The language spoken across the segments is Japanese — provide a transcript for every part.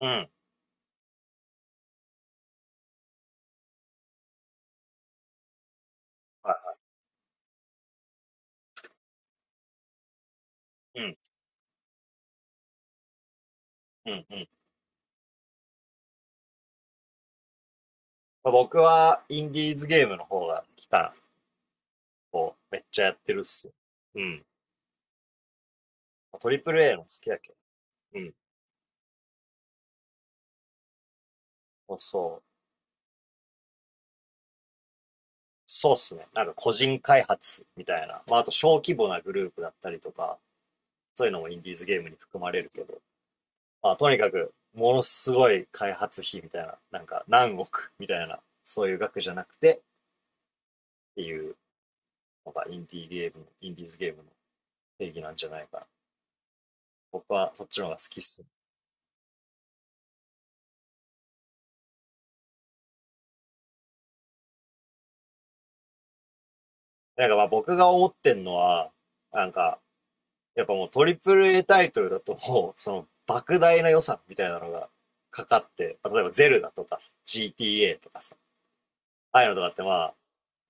うん。はい。うん。うんうん。まあ僕は、インディーズゲームの方がこう、めっちゃやってるっす。うん。まあトリプル A の好きだけど。うん。そうそう。そうっすね。なんか個人開発みたいな。まあ、あと小規模なグループだったりとか、そういうのもインディーズゲームに含まれるけど。まあ、とにかく、ものすごい開発費みたいな、なんか何億みたいな、そういう額じゃなくてっていうのがインディーゲーム、インディーズゲームの定義なんじゃないかな。僕はそっちの方が好きっすね。なんかまあ僕が思ってんのは、なんか、やっぱもうトリプル A タイトルだともう、その莫大な予算みたいなのがかかって、例えばゼルダとかさ GTA とかさ、ああいうのとかってまあ、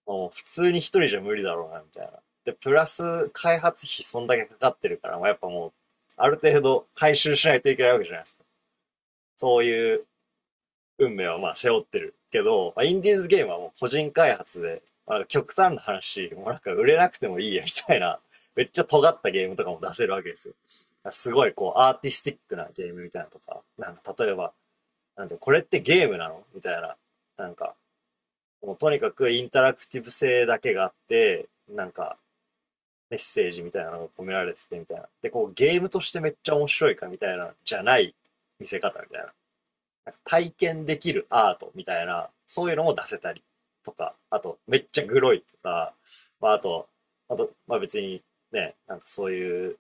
もう普通に一人じゃ無理だろうな、みたいな。で、プラス開発費そんだけかかってるから、まあやっぱもう、ある程度回収しないといけないわけじゃないですか。そういう運命はまあ背負ってるけど、まあ、インディーズゲームはもう個人開発で、まあ、極端な話、もうなんか売れなくてもいいやみたいな、めっちゃ尖ったゲームとかも出せるわけですよ。すごいこうアーティスティックなゲームみたいなとか、なんか例えば、なんてこれってゲームなのみたいな、なんか、もうとにかくインタラクティブ性だけがあって、なんかメッセージみたいなのが込められててみたいな。で、こうゲームとしてめっちゃ面白いかみたいな、じゃない見せ方みたいな。体験できるアートみたいな、そういうのも出せたりとか、あと、めっちゃグロいとか、まあ、あと、あと、まあ別にね、なんかそういう、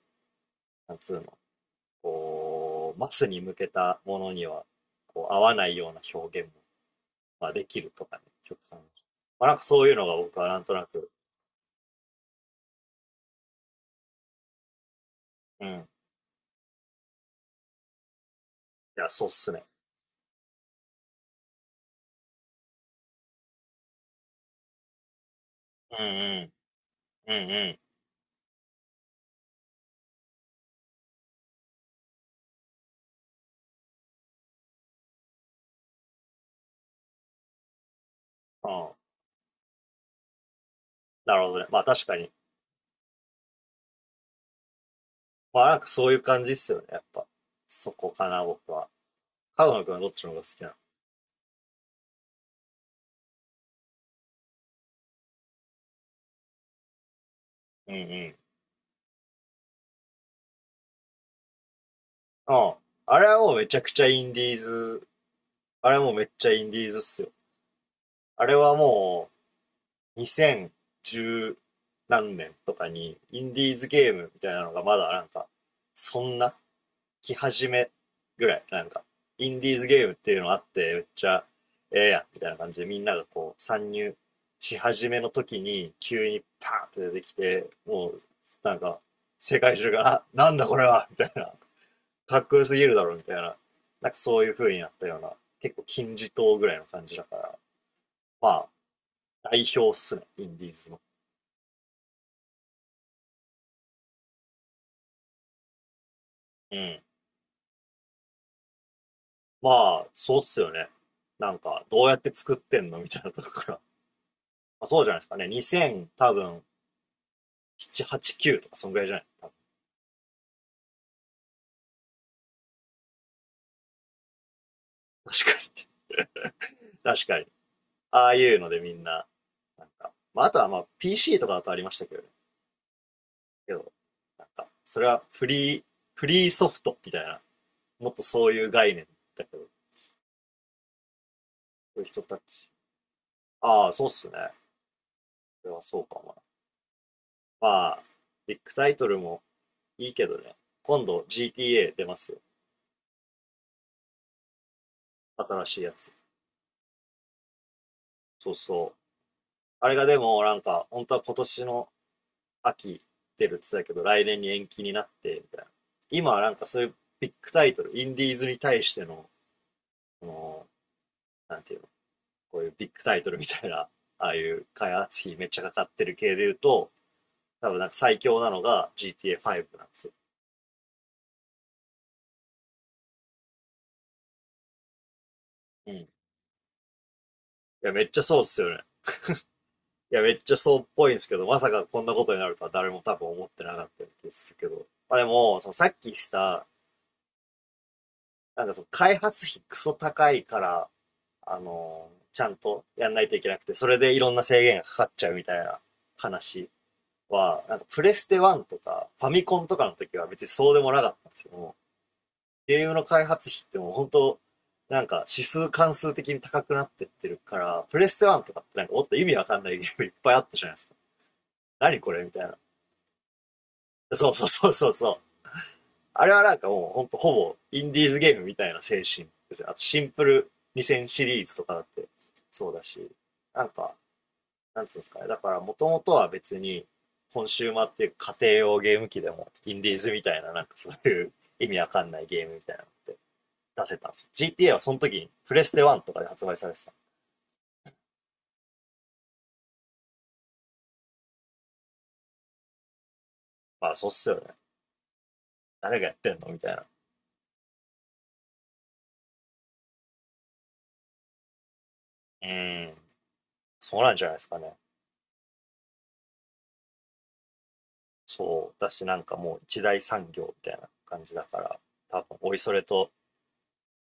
なんつうの、こう、マスに向けたものには、こう、合わないような表現も、まあ、できるとかね、極端に。まあなんかそういうのが僕はなんとなく、うん、いや、そうっすね。うんうん、うんうん、うん。なるほどね。まあ確かに。まあなんかそういう感じっすよね、やっぱ。そこかな、僕は。角野くんはどっちの方が好きなの。うんうん。うん。あれはもうめちゃくちゃインディーズ、あれはもうめっちゃインディーズっすよ。あれはもう2010何年とかにインディーズゲームみたいなのがまだなんか、そんな来始めぐらい、なんか、インディーズゲームっていうのあってめっちゃええやんみたいな感じでみんながこう参入し始めの時に急にパーンって出てきて、もうなんか世界中が、なんだこれはみたいなかっこよすぎるだろうみたいな、なんかそういう風になったような、結構金字塔ぐらいの感じだから、まあ、代表っすね、インディーズの。うん。まあ、そうっすよね。なんか、どうやって作ってんのみたいなとこから。まあ、そうじゃないですかね。2000多分、7、8、9とかそんぐらいじゃない多分。確かに。確かに。ああいうのでみんな、なんか、まあ、あとはまあ、PC とかだとありましたけどね。けど、なんか、それはフリー、フリーソフトみたいな、もっとそういう概念だけど、そういう人たちああ、そうっすね。それはそうかも。まあ、ビッグタイトルもいいけどね。今度 GTA 出ますよ。新しいやつ。そうそう。あれがでもなんか、本当は今年の秋出るって言ってたけど、来年に延期になって、みたいな。今はなんかそういうビッグタイトル、インディーズに対しての、この、なんていうの、こういうビッグタイトルみたいな、ああいう開発費めっちゃかかってる系で言うと、多分なんか最強なのが GTA5 なんですよ。うん。いや、めっちゃそうっすよね。いや、めっちゃそうっぽいんですけど、まさかこんなことになるとは誰も多分思ってなかった気するけど。まあでも、そのさっきした、なんかその開発費クソ高いから、ちゃんとやんないといけなくて、それでいろんな制限がかかっちゃうみたいな話は、なんかプレステ1とかファミコンとかの時は別にそうでもなかったんですけども、ゲームの開発費ってもう本当なんか指数関数的に高くなってってるから、プレステ1とかってなんかもっと意味わかんないゲームいっぱいあったじゃないですか。何これみたいな。そうそうそうそうそう。あれはなんかもうほんとほぼインディーズゲームみたいな精神ですよ。あとシンプル2000シリーズとかだってそうだし、なんか、なんつうんですかね。だからもともとは別にコンシューマーっていう家庭用ゲーム機でもインディーズみたいななんかそういう意味わかんないゲームみたいなのって出せたんですよ。GTA はその時にプレステ1とかで発売されてた。まあそうっすよね。誰がやってんのみたいな。うーん。そうなんじゃないですかね。そうだし、なんかもう一大産業みたいな感じだから、多分、おいそれと、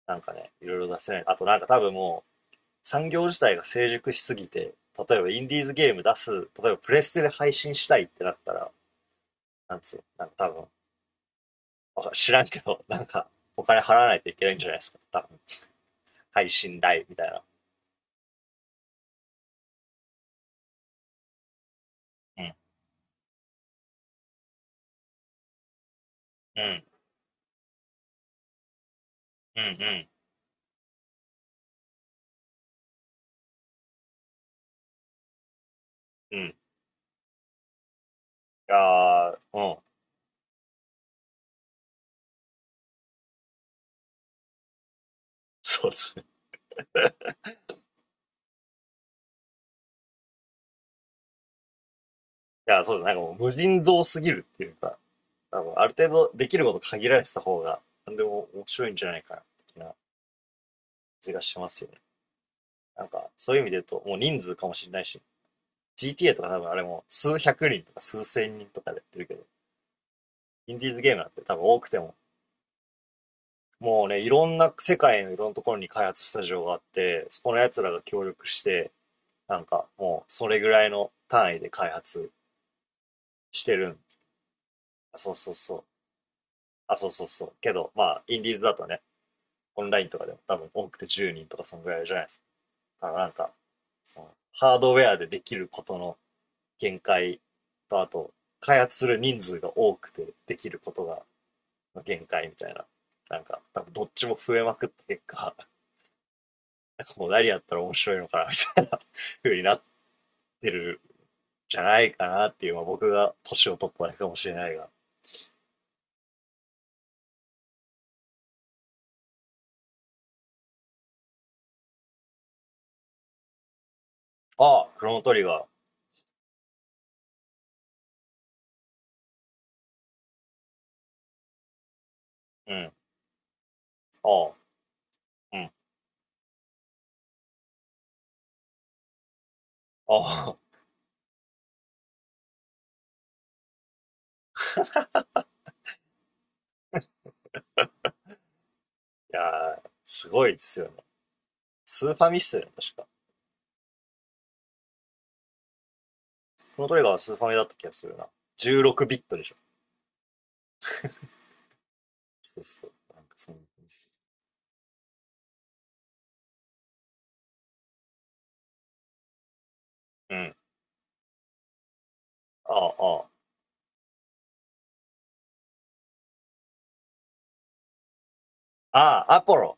なんかね、いろいろ出せない。あとなんか多分もう、産業自体が成熟しすぎて、例えばインディーズゲーム出す、例えばプレステで配信したいってなったら、なんつうの、なんか多分、わか知らんけど、なんか、お金払わないといけないんじゃないですか。多分、配信代みたいな。うん、うん、うん、うん、うん。いやー、うん。そうっすね。いや、そうですね。なんかもう無人蔵すぎるっていうか、あの、ある程度できること限られてた方が、なんでも面白いんじゃないかな、的な気がしますよね。なんか、そういう意味で言うと、もう人数かもしれないし、GTA とか多分あれも数百人とか数千人とかでやってるけど、インディーズゲームなんて多分多くても、もうね、いろんな世界のいろんなところに開発スタジオがあって、そこの奴らが協力して、なんかもうそれぐらいの単位で開発してるんです。そうそうそう。あ、そうそうそう。けど、まあ、インディーズだとね、オンラインとかでも多分多くて10人とかそのぐらいじゃないですか。だからなんか、その、ハードウェアでできることの限界と、あと、開発する人数が多くてできることが限界みたいな。なんか、多分どっちも増えまくった結果、なんかもう何やったら面白いのかな、みたいな風になってるんじゃないかなっていう、まあ僕が年を取っただけかもしれないが。ああ、クロノトリガー。うん。ああ、うん。ああ。いやー、すごいですよね。スーファミっすよね、確か。クロノトリガーはスーファミだった気がするな。16ビットでしょ。そうそう。なんかそんな感じ。うん。ああ、ああ。ああ、アポロ。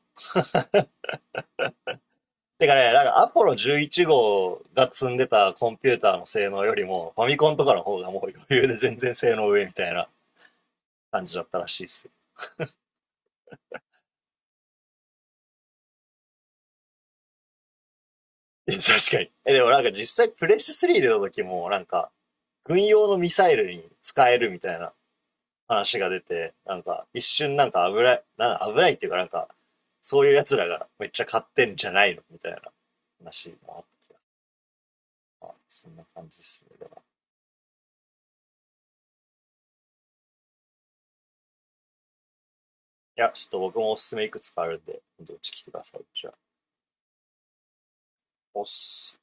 てかね、なんかアポロ11号が積んでたコンピューターの性能よりも、ファミコンとかの方がもう余裕で全然性能上みたいな感じだったらしいっすよ。いや確かに。え、でもなんか実際プレステ3出た時も、なんか、軍用のミサイルに使えるみたいな話が出て、なんか一瞬なんか危ない、なんか危ないっていうかなんか、そういう奴らがめっちゃ買ってんじゃないのみたいな話もあった気が。あ、そんな感じですね。では。いや、ちょっと僕もおすすめいくつかあるんで、どっち来てください。じゃあ、おっす。